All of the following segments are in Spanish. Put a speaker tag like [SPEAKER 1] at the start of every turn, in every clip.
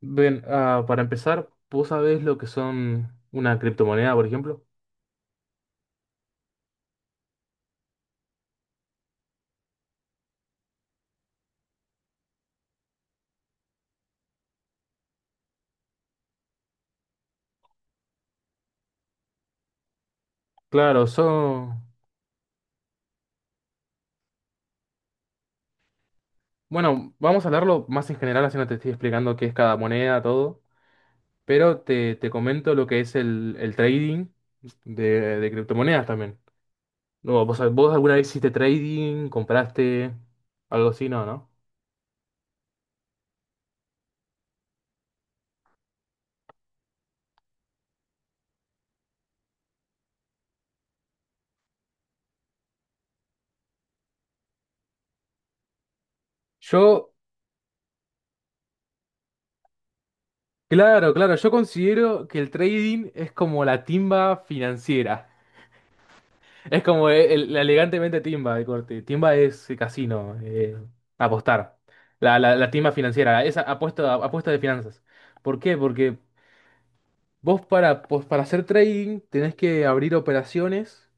[SPEAKER 1] Bien, para empezar, ¿vos sabés lo que son una criptomoneda, por ejemplo? Claro. Bueno, vamos a hablarlo más en general, así no te estoy explicando qué es cada moneda, todo, pero te comento lo que es el trading de, de criptomonedas también. No, ¿vos alguna vez hiciste trading, compraste algo así? No, ¿no? Yo, claro, claro, yo considero que el trading es como la timba financiera. Es como la elegantemente timba de corte. Timba es casino, apostar. La timba financiera, esa apuesta, apuesta de finanzas. ¿Por qué? Porque vos pues para hacer trading tenés que abrir operaciones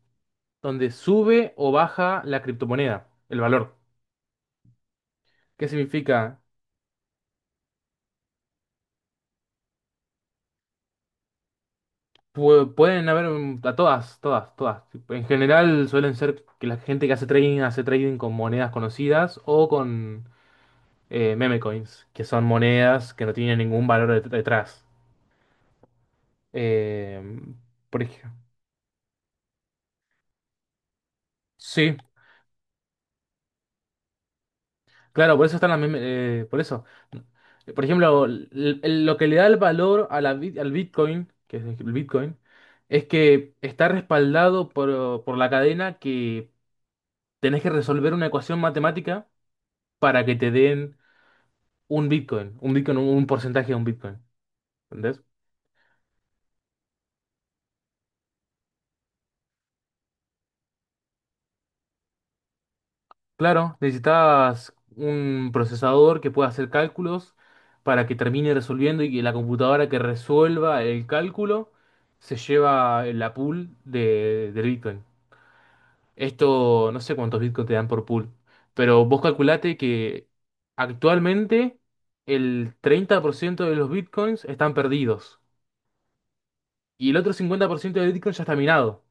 [SPEAKER 1] donde sube o baja la criptomoneda, el valor. ¿Qué significa? Pueden haber a todas, todas, todas. En general suelen ser que la gente que hace trading con monedas conocidas o con meme coins, que son monedas que no tienen ningún valor detrás. Eh, por ejemplo, sí, claro, por eso están las por eso. Por ejemplo, lo que le da el valor a la al Bitcoin, que es el Bitcoin, es que está respaldado por la cadena que tenés que resolver una ecuación matemática para que te den un porcentaje de un Bitcoin. Claro, necesitabas un procesador que pueda hacer cálculos para que termine resolviendo y que la computadora que resuelva el cálculo se lleva la pool del Bitcoin. Esto, no sé cuántos Bitcoin te dan por pool, pero vos calculate que actualmente el 30% de los Bitcoins están perdidos y el otro 50% de Bitcoin ya está minado.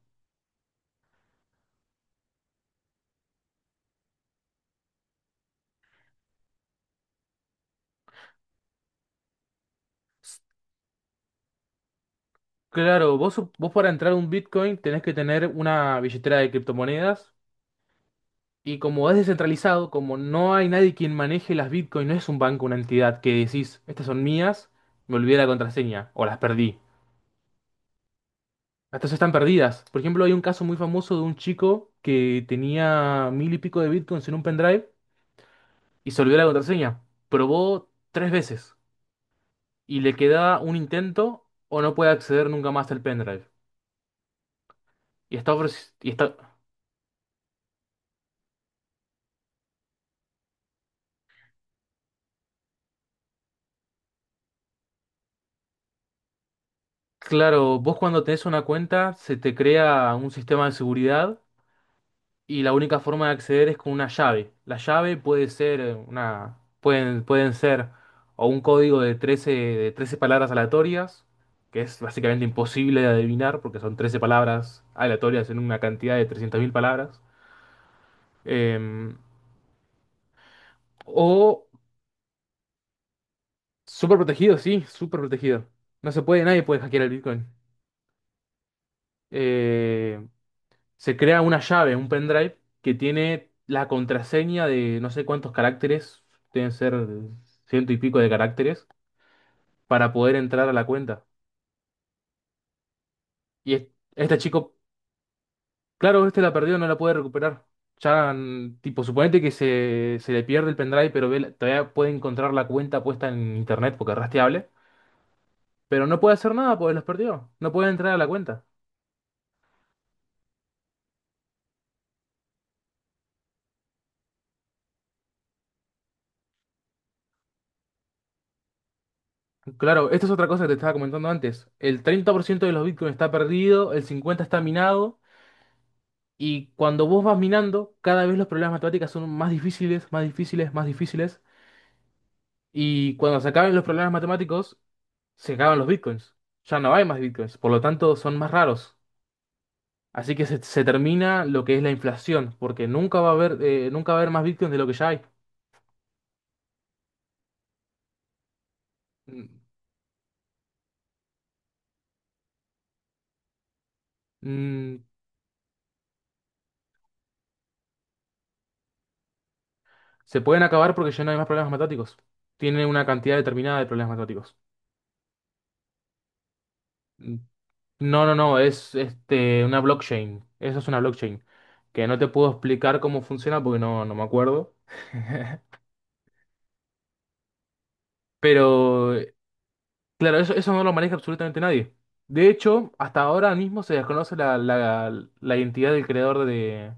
[SPEAKER 1] Claro, vos para entrar a un Bitcoin tenés que tener una billetera de criptomonedas. Y como es descentralizado, como no hay nadie quien maneje las Bitcoin, no es un banco, una entidad que decís, estas son mías, me olvidé la contraseña o las perdí. Estas están perdidas. Por ejemplo, hay un caso muy famoso de un chico que tenía mil y pico de Bitcoins en un pendrive y se olvidó la contraseña. Probó tres veces y le queda un intento o no puede acceder nunca más al pendrive. Y está. Claro, vos cuando tenés una cuenta se te crea un sistema de seguridad y la única forma de acceder es con una llave. La llave puede ser pueden ser o un código de trece palabras aleatorias, que es básicamente imposible de adivinar porque son 13 palabras aleatorias en una cantidad de 300.000 palabras. Em, o súper protegido, sí, súper protegido. No se puede, nadie puede hackear el Bitcoin. Eh, se crea una llave, un pendrive, que tiene la contraseña de no sé cuántos caracteres, deben ser ciento y pico de caracteres, para poder entrar a la cuenta. Y es- este chico, claro, este la perdió, no la puede recuperar. Ya, tipo, suponete que se le pierde el pendrive, pero todavía puede encontrar la cuenta puesta en internet porque es rastreable, pero no puede hacer nada porque los perdió, no puede entrar a la cuenta. Claro, esto es otra cosa que te estaba comentando antes. El 30% de los bitcoins está perdido, el 50% está minado. Y cuando vos vas minando, cada vez los problemas matemáticos son más difíciles, más difíciles, más difíciles. Y cuando se acaben los problemas matemáticos, se acaban los bitcoins. Ya no hay más bitcoins, por lo tanto son más raros. Así que se termina lo que es la inflación, porque nunca va a haber, nunca va a haber más bitcoins de lo que ya hay. Mm, mm, se pueden acabar porque ya no hay más problemas matemáticos. Tienen una cantidad determinada de problemas matemáticos. No, no, no, es una blockchain. Eso es una blockchain. Que no te puedo explicar cómo funciona porque no me acuerdo. Pero, claro, eso no lo maneja absolutamente nadie. De hecho, hasta ahora mismo se desconoce la identidad del creador de,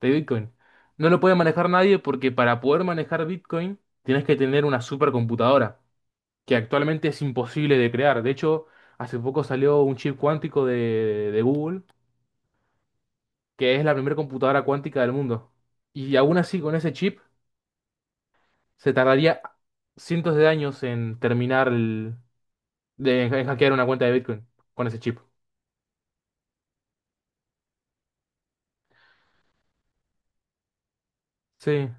[SPEAKER 1] de Bitcoin. No lo puede manejar nadie porque para poder manejar Bitcoin tienes que tener una supercomputadora, que actualmente es imposible de crear. De hecho, hace poco salió un chip cuántico de Google que es la primera computadora cuántica del mundo. Y aún así, con ese chip, se tardaría cientos de años en terminar en hackear una cuenta de Bitcoin con ese chip. Sí,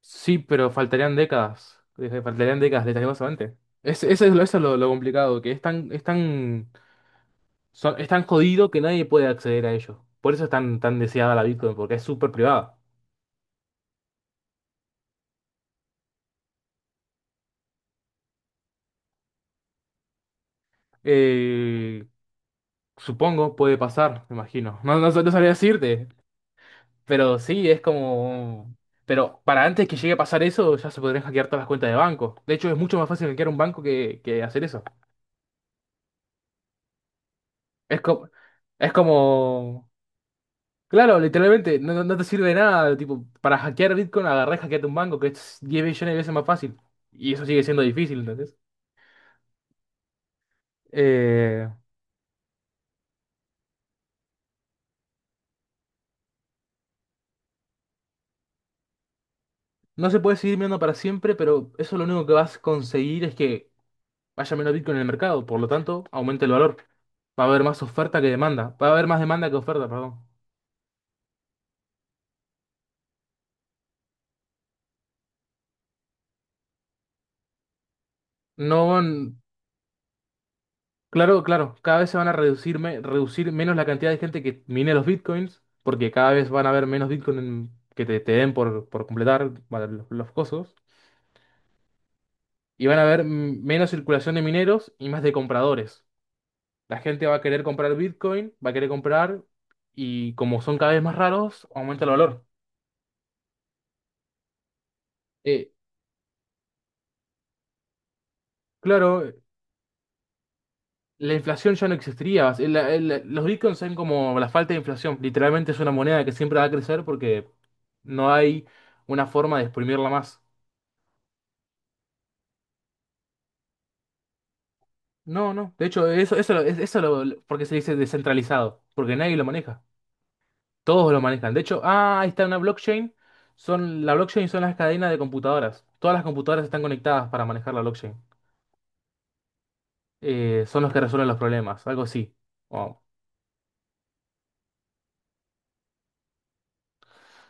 [SPEAKER 1] sí, pero faltarían décadas. Faltarían décadas, lastimosamente. Es, eso es, lo, eso es lo complicado, que es tan jodido que nadie puede acceder a ello. Por eso es tan, tan deseada la Bitcoin, porque es súper privada. Eh, supongo, puede pasar, me imagino. No, no, no sabría decirte. Pero sí. Pero para antes que llegue a pasar eso, ya se podrían hackear todas las cuentas de banco. De hecho, es mucho más fácil hackear un banco que hacer eso. Es como... Es como... Claro, literalmente, no te sirve de nada. Tipo, para hackear Bitcoin, agarré y hackeate un banco, que es 10 millones de veces más fácil. Y eso sigue siendo difícil, ¿entendés? Eh, no se puede seguir mirando para siempre, pero eso lo único que vas a conseguir es que haya menos Bitcoin en el mercado. Por lo tanto, aumente el valor. Va a haber más oferta que demanda. Va a haber más demanda que oferta, perdón. No van, claro, claro, cada vez se van a reducir, reducir menos la cantidad de gente que mine los bitcoins, porque cada vez van a haber menos bitcoins que te den por completar para los cosos, y van a haber menos circulación de mineros y más de compradores. La gente va a querer comprar bitcoin, va a querer comprar, y como son cada vez más raros, aumenta el valor. Eh, claro, la inflación ya no existiría. Los bitcoins son como la falta de inflación. Literalmente es una moneda que siempre va a crecer porque no hay una forma de exprimirla más. No, no. De hecho, eso, lo- es- eso lo- porque se dice descentralizado. Porque nadie lo maneja. Todos lo manejan. De hecho, ahí está una blockchain. La blockchain son las cadenas de computadoras. Todas las computadoras están conectadas para manejar la blockchain. Son los que resuelven los problemas. Algo así. Wow.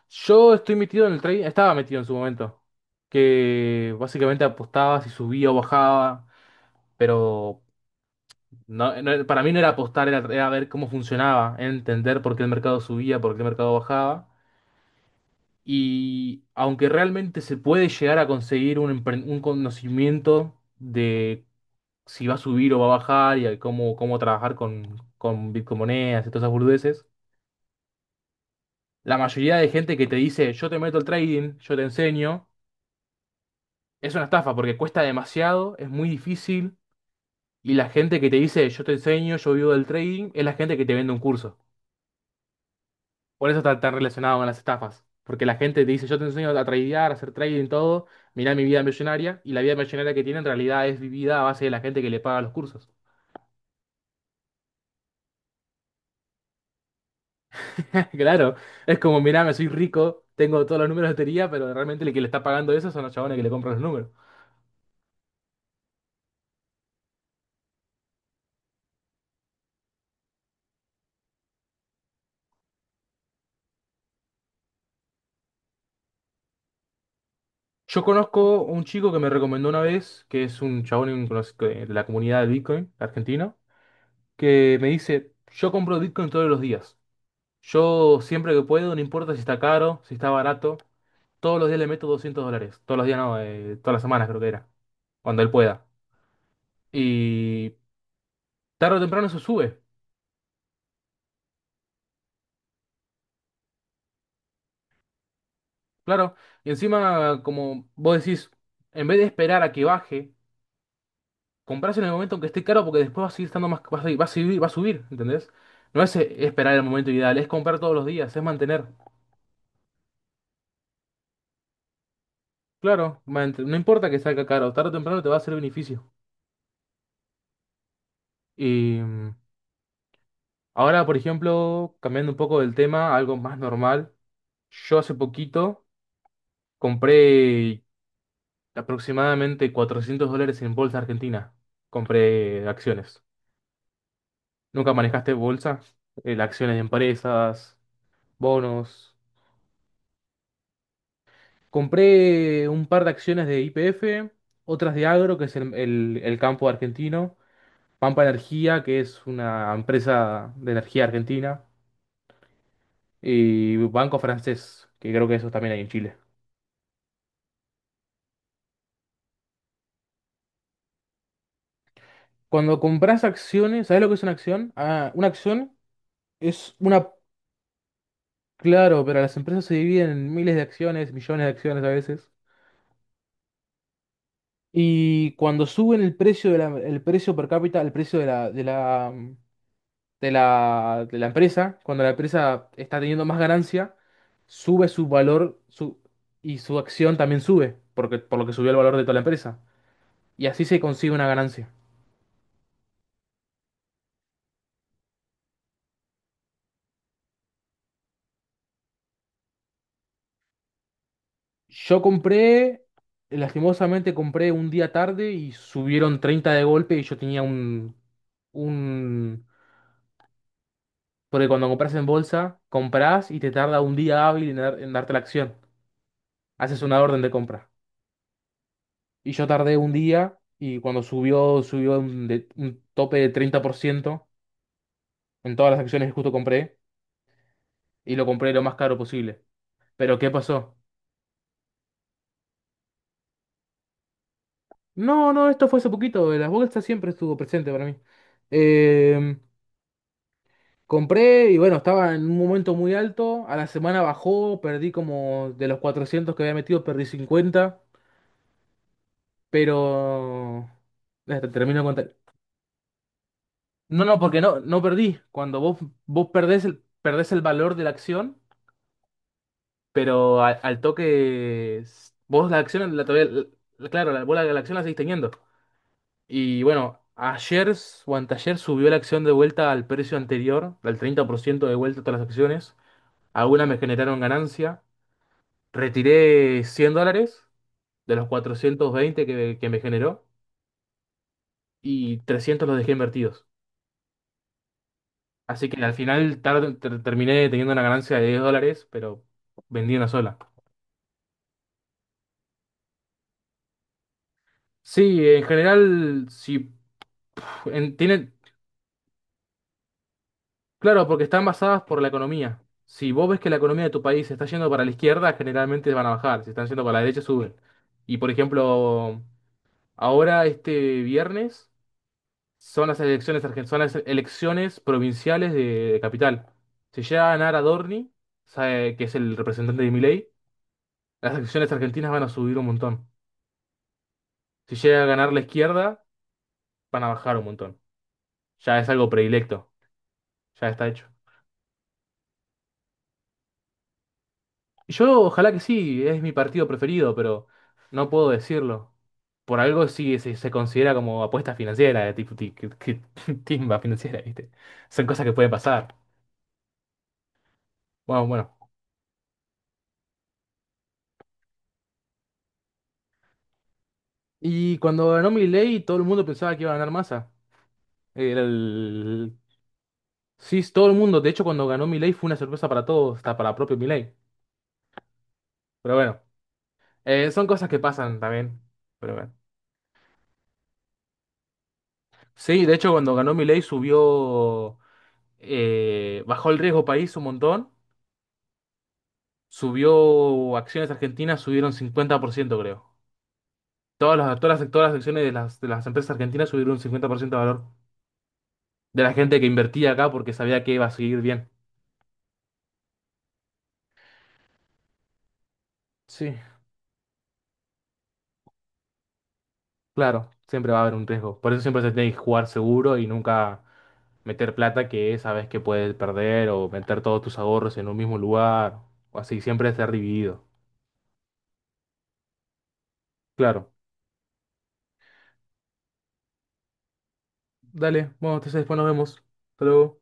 [SPEAKER 1] Yo estoy metido en el trading, estaba metido en su momento, que básicamente apostaba si subía o bajaba, pero para mí no era apostar, era ver cómo funcionaba, entender por qué el mercado subía, por qué el mercado bajaba. Y aunque realmente se puede llegar a conseguir un conocimiento de si va a subir o va a bajar y a cómo trabajar con bitcoin monedas y todas esas burdeces, la mayoría de gente que te dice, yo te meto el trading, yo te enseño. Es una estafa porque cuesta demasiado, es muy difícil y la gente que te dice yo te enseño, yo vivo del trading, es la gente que te vende un curso. Por eso está tan relacionado con las estafas. Porque la gente te dice yo te enseño a tradear, a hacer trading, todo, mirá mi vida millonaria y la vida millonaria que tiene en realidad es vivida a base de la gente que le paga los cursos. Claro, es como mirá, me soy rico, tengo todos los números de lotería, pero realmente el que le está pagando eso son los chabones que le compran los números. Yo conozco un chico que me recomendó una vez, que es un chabón de la comunidad de Bitcoin argentino que me dice, yo compro Bitcoin todos los días. Yo siempre que puedo, no importa si está caro, si está barato, todos los días le meto $200. Todos los días no, todas las semanas creo que era, cuando él pueda. Y tarde o temprano eso sube, claro. Y encima, como vos decís, en vez de esperar a que baje, comprás en el momento en que esté caro porque después va a seguir estando más, va a subir, ¿entendés? No es esperar el momento ideal, es comprar todos los días, es mantener. Claro, no importa que salga caro, tarde o temprano te va a hacer beneficio. Y ahora, por ejemplo, cambiando un poco del tema, algo más normal. Yo hace poquito compré aproximadamente $400 en bolsa argentina. Compré acciones. ¿Nunca manejaste bolsa? Acciones de empresas, bonos. Compré un par de acciones de YPF, otras de Agro, que es el campo argentino. Pampa Energía, que es una empresa de energía argentina. Y Banco Francés, que creo que eso también hay en Chile. Cuando compras acciones, ¿sabes lo que es una acción? Ah, una acción es una. Claro, pero las empresas se dividen en miles de acciones, millones de acciones a veces. Y cuando suben el precio de el precio per cápita, el precio de la empresa, cuando la empresa está teniendo más ganancia, sube su valor, y su acción también sube, porque, por lo que subió el valor de toda la empresa. Y así se consigue una ganancia. Yo compré, Lastimosamente compré un día tarde y subieron 30 de golpe y yo tenía un... Porque cuando compras en bolsa, compras y te tarda un día hábil en darte la acción. Haces una orden de compra. Y yo tardé un día y cuando subió un tope de 30% en todas las acciones que justo compré y lo compré lo más caro posible. Pero ¿qué pasó? No, no, esto fue hace poquito. Las bolsas siempre estuvo presente para mí. Em, Compré y bueno, estaba en un momento muy alto. A la semana bajó, perdí como de los 400 que había metido, perdí cincuenta. Pero. Ya te termino de contar. No, no, porque no, no perdí. Vos perdés el valor de la acción, pero al toque. Vos la acción, la, todavía- la- la- claro, la acción la seguís teniendo. Y bueno, ayer s- o anteayer subió la acción de vuelta al precio anterior, al 30% de vuelta a todas las acciones. Algunas me generaron ganancia. Retiré 100 dólares de los 420 que me generó y 300 los dejé invertidos. Así que al final terminé teniendo una ganancia de 10 dólares, pero vendí una sola. Sí, en general, si en- tienen, claro, porque están basadas por la economía. Si vos ves que la economía de tu país está yendo para la izquierda, generalmente van a bajar. Si están yendo para la derecha, suben. Y por ejemplo, ahora este viernes. Son las son las elecciones provinciales de Capital. Si llega a ganar Adorni, sabe que es el representante de Milei, las elecciones argentinas van a subir un montón. Si llega a ganar la izquierda, van a bajar un montón. Ya es algo predilecto, ya está hecho. Y yo ojalá que sí, es mi partido preferido, pero no puedo decirlo. Por algo sí se considera como apuesta financiera, tipo timba financiera, ¿viste? Son cosas que pueden pasar. Bueno, bueno. Y cuando ganó Milei, todo el mundo pensaba que iba a ganar Massa. Era el... Sí, todo el mundo. De hecho, cuando ganó Milei fue una sorpresa para todos, hasta para propio Milei. Pero bueno, son cosas que pasan también. Pero bueno. Sí, de hecho, cuando ganó Milei bajó el riesgo país un montón. Subió acciones argentinas, subieron 50%, creo. Todas las acciones de las empresas argentinas subieron un 50% de valor. De la gente que invertía acá porque sabía que iba a seguir bien. Sí. Claro, siempre va a haber un riesgo. Por eso siempre se tiene que jugar seguro y nunca meter plata que sabes que puedes perder o meter todos tus ahorros en un mismo lugar. O así, siempre estar dividido. Claro. Dale, bueno, entonces después nos vemos. Hasta luego.